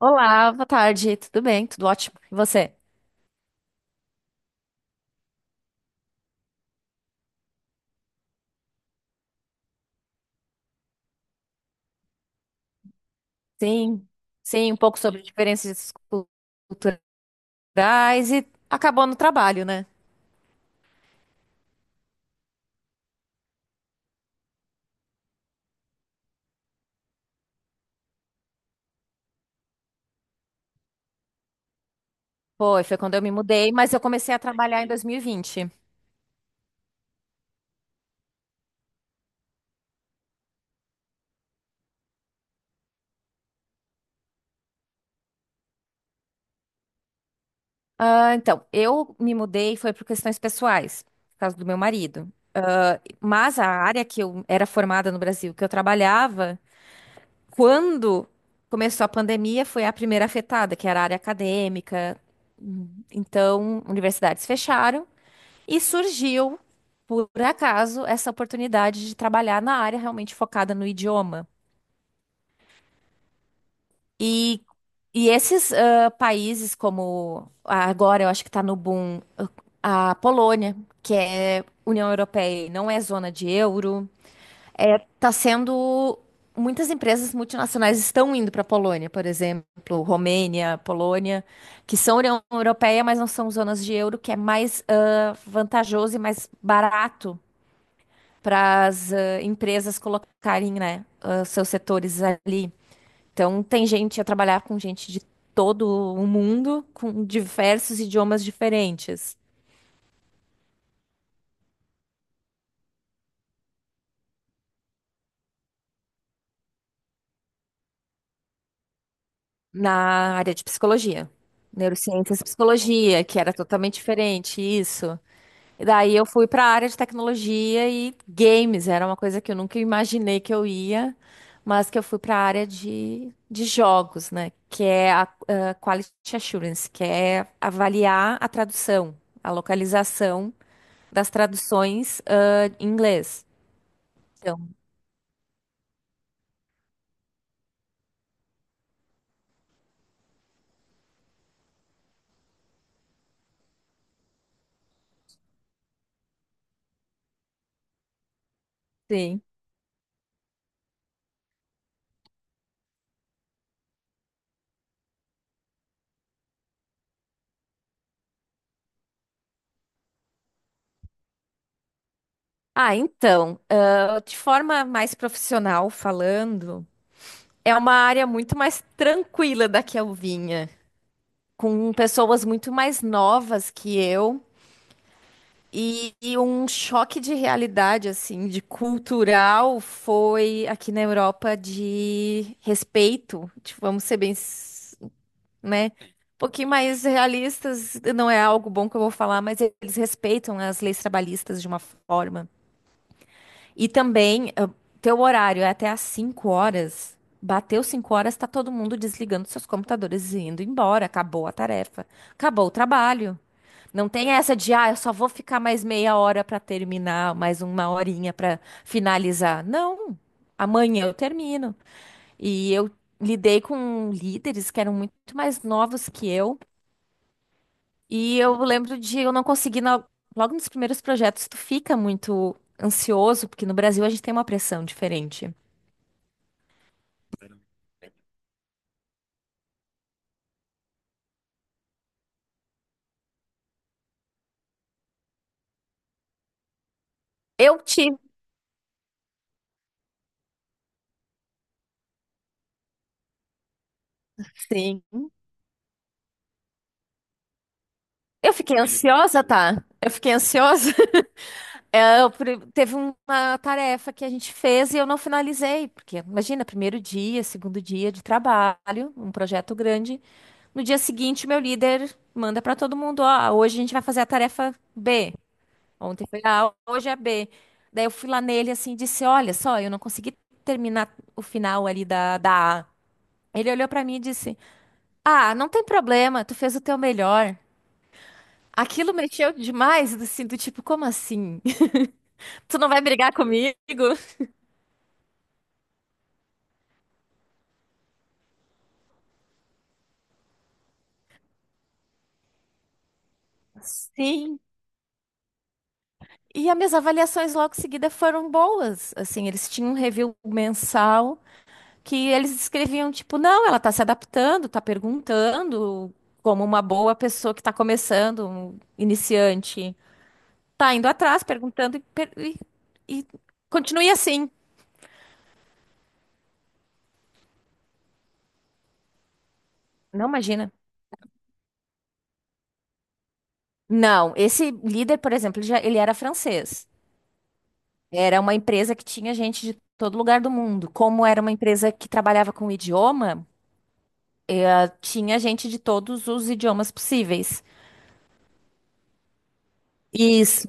Olá, boa tarde, tudo bem? Tudo ótimo. E você? Sim, sim, um pouco sobre diferenças culturais e acabou no trabalho, né? Foi quando eu me mudei, mas eu comecei a trabalhar em 2020. Então, eu me mudei foi por questões pessoais, por causa do meu marido. Mas a área que eu era formada no Brasil, que eu trabalhava, quando começou a pandemia, foi a primeira afetada, que era a área acadêmica. Então, universidades fecharam. E surgiu, por acaso, essa oportunidade de trabalhar na área realmente focada no idioma. E, e esses países, como agora eu acho que está no boom, a Polônia, que é União Europeia e não é zona de euro, é, tá sendo. Muitas empresas multinacionais estão indo para a Polônia, por exemplo, Romênia, Polônia, que são União Europeia, mas não são zonas de euro, que é mais vantajoso e mais barato para as empresas colocarem, né, seus setores ali. Então, tem gente a trabalhar com gente de todo o mundo, com diversos idiomas diferentes, na área de psicologia. Neurociências e psicologia, que era totalmente diferente, isso. E daí eu fui para a área de tecnologia e games, era uma coisa que eu nunca imaginei que eu ia, mas que eu fui para a área de jogos, né? Que é a, Quality Assurance, que é avaliar a tradução, a localização das traduções, em inglês. Então, sim. Então, de forma mais profissional falando, é uma área muito mais tranquila da que eu vinha, com pessoas muito mais novas que eu. E um choque de realidade, assim, de cultural, foi aqui na Europa de respeito. Tipo, vamos ser bem, né? Um pouquinho mais realistas, não é algo bom que eu vou falar, mas eles respeitam as leis trabalhistas de uma forma. E também, teu horário é até às 5 horas. Bateu 5 horas, tá todo mundo desligando seus computadores e indo embora. Acabou a tarefa. Acabou o trabalho. Não tem essa de, eu só vou ficar mais meia hora pra terminar, mais uma horinha pra finalizar. Não, amanhã eu termino. E eu lidei com líderes que eram muito mais novos que eu, e eu lembro de eu não conseguir, logo nos primeiros projetos, tu fica muito ansioso, porque no Brasil a gente tem uma pressão diferente. Eu tive, sim. Eu fiquei ansiosa, tá? Eu fiquei ansiosa. É, teve uma tarefa que a gente fez e eu não finalizei, porque imagina, primeiro dia, segundo dia de trabalho, um projeto grande. No dia seguinte, meu líder manda para todo mundo: ó, hoje a gente vai fazer a tarefa B. Ontem foi A, hoje é a B. Daí eu fui lá nele assim e disse: olha só, eu não consegui terminar o final ali da A. Ele olhou para mim e disse: ah, não tem problema, tu fez o teu melhor. Aquilo mexeu demais, assim, do tipo, como assim? Tu não vai brigar comigo? Sim. E as minhas avaliações logo em seguida foram boas. Assim, eles tinham um review mensal que eles escreviam, tipo, não, ela tá se adaptando, tá perguntando, como uma boa pessoa que tá começando, um iniciante. Tá indo atrás, perguntando e continue assim. Não, imagina. Não, esse líder, por exemplo, ele era francês. Era uma empresa que tinha gente de todo lugar do mundo. Como era uma empresa que trabalhava com idioma, tinha gente de todos os idiomas possíveis. Isso.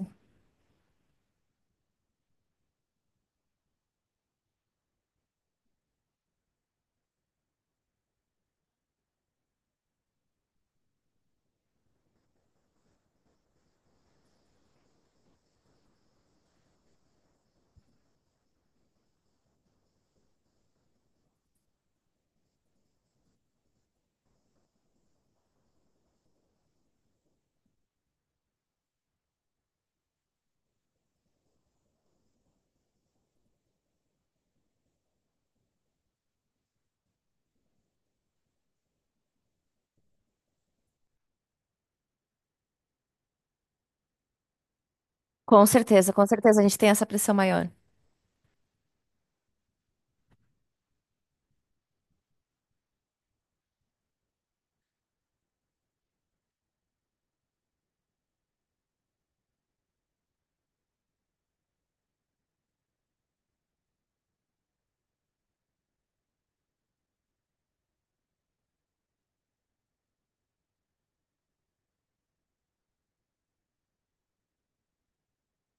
Com certeza a gente tem essa pressão maior.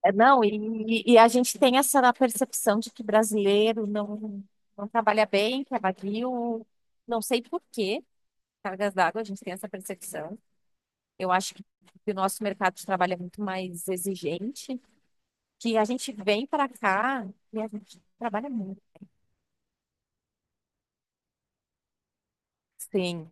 É, não, e a gente tem essa percepção de que brasileiro não trabalha bem, que é vadio. Não sei por quê, cargas d'água, a gente tem essa percepção. Eu acho que o nosso mercado de trabalho é muito mais exigente, que a gente vem para cá e a gente trabalha muito. Sim.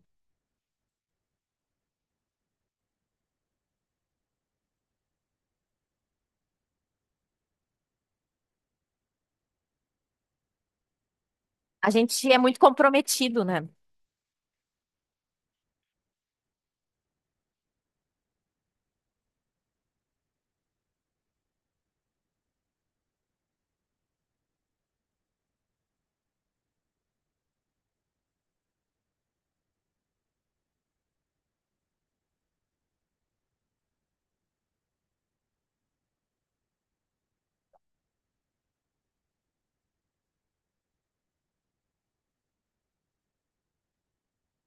A gente é muito comprometido, né?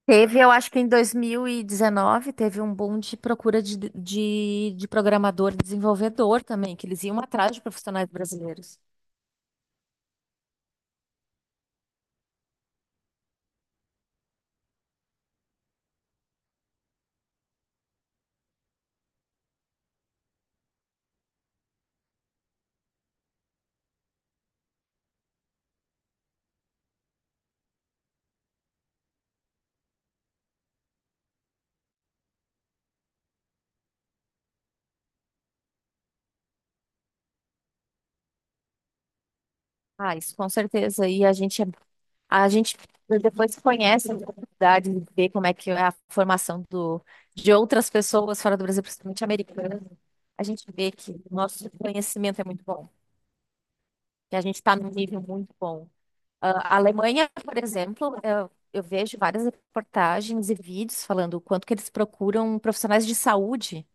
Teve, eu acho que em 2019, teve um boom de procura de programador e desenvolvedor também, que eles iam atrás de profissionais brasileiros. Ah, isso com certeza. A gente depois conhece a oportunidade de ver como é que é a formação do, de outras pessoas fora do Brasil, principalmente americanas. A gente vê que o nosso conhecimento é muito bom, que a gente está num nível muito bom. Ah, a Alemanha, por exemplo, eu vejo várias reportagens e vídeos falando o quanto que eles procuram profissionais de saúde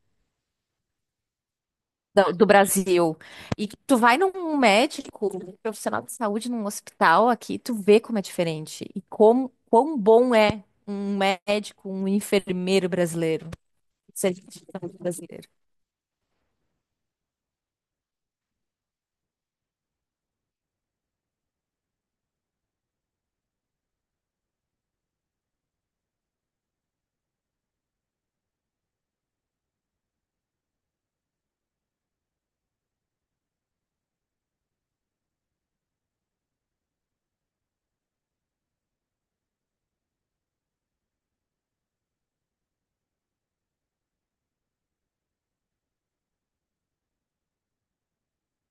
do Brasil. E que tu vai num médico, um profissional de saúde num hospital aqui, tu vê como é diferente e como quão bom é um médico, um enfermeiro brasileiro, um serviço de saúde brasileiro.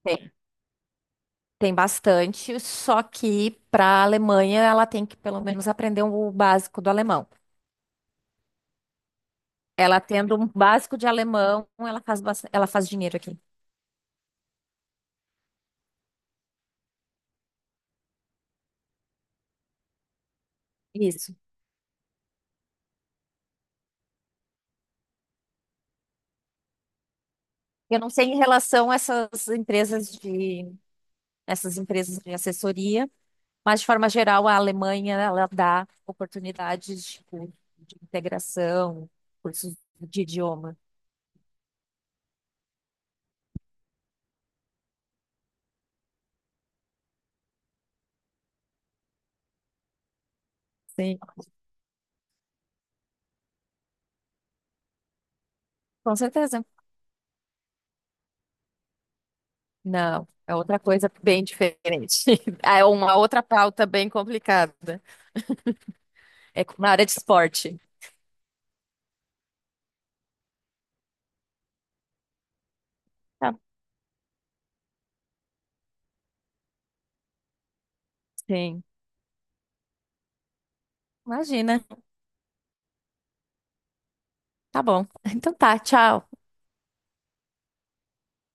Tem, tem bastante, só que para a Alemanha ela tem que pelo menos aprender o básico do alemão. Ela tendo um básico de alemão, ela faz, ela faz dinheiro aqui. Isso. Eu não sei em relação a essas empresas de assessoria, mas de forma geral a Alemanha ela dá oportunidades tipo, de integração, cursos de idioma. Sim, com certeza. Não, é outra coisa bem diferente. É uma outra pauta bem complicada. É na área de esporte. Tá. Sim. Imagina. Tá bom. Então tá, tchau.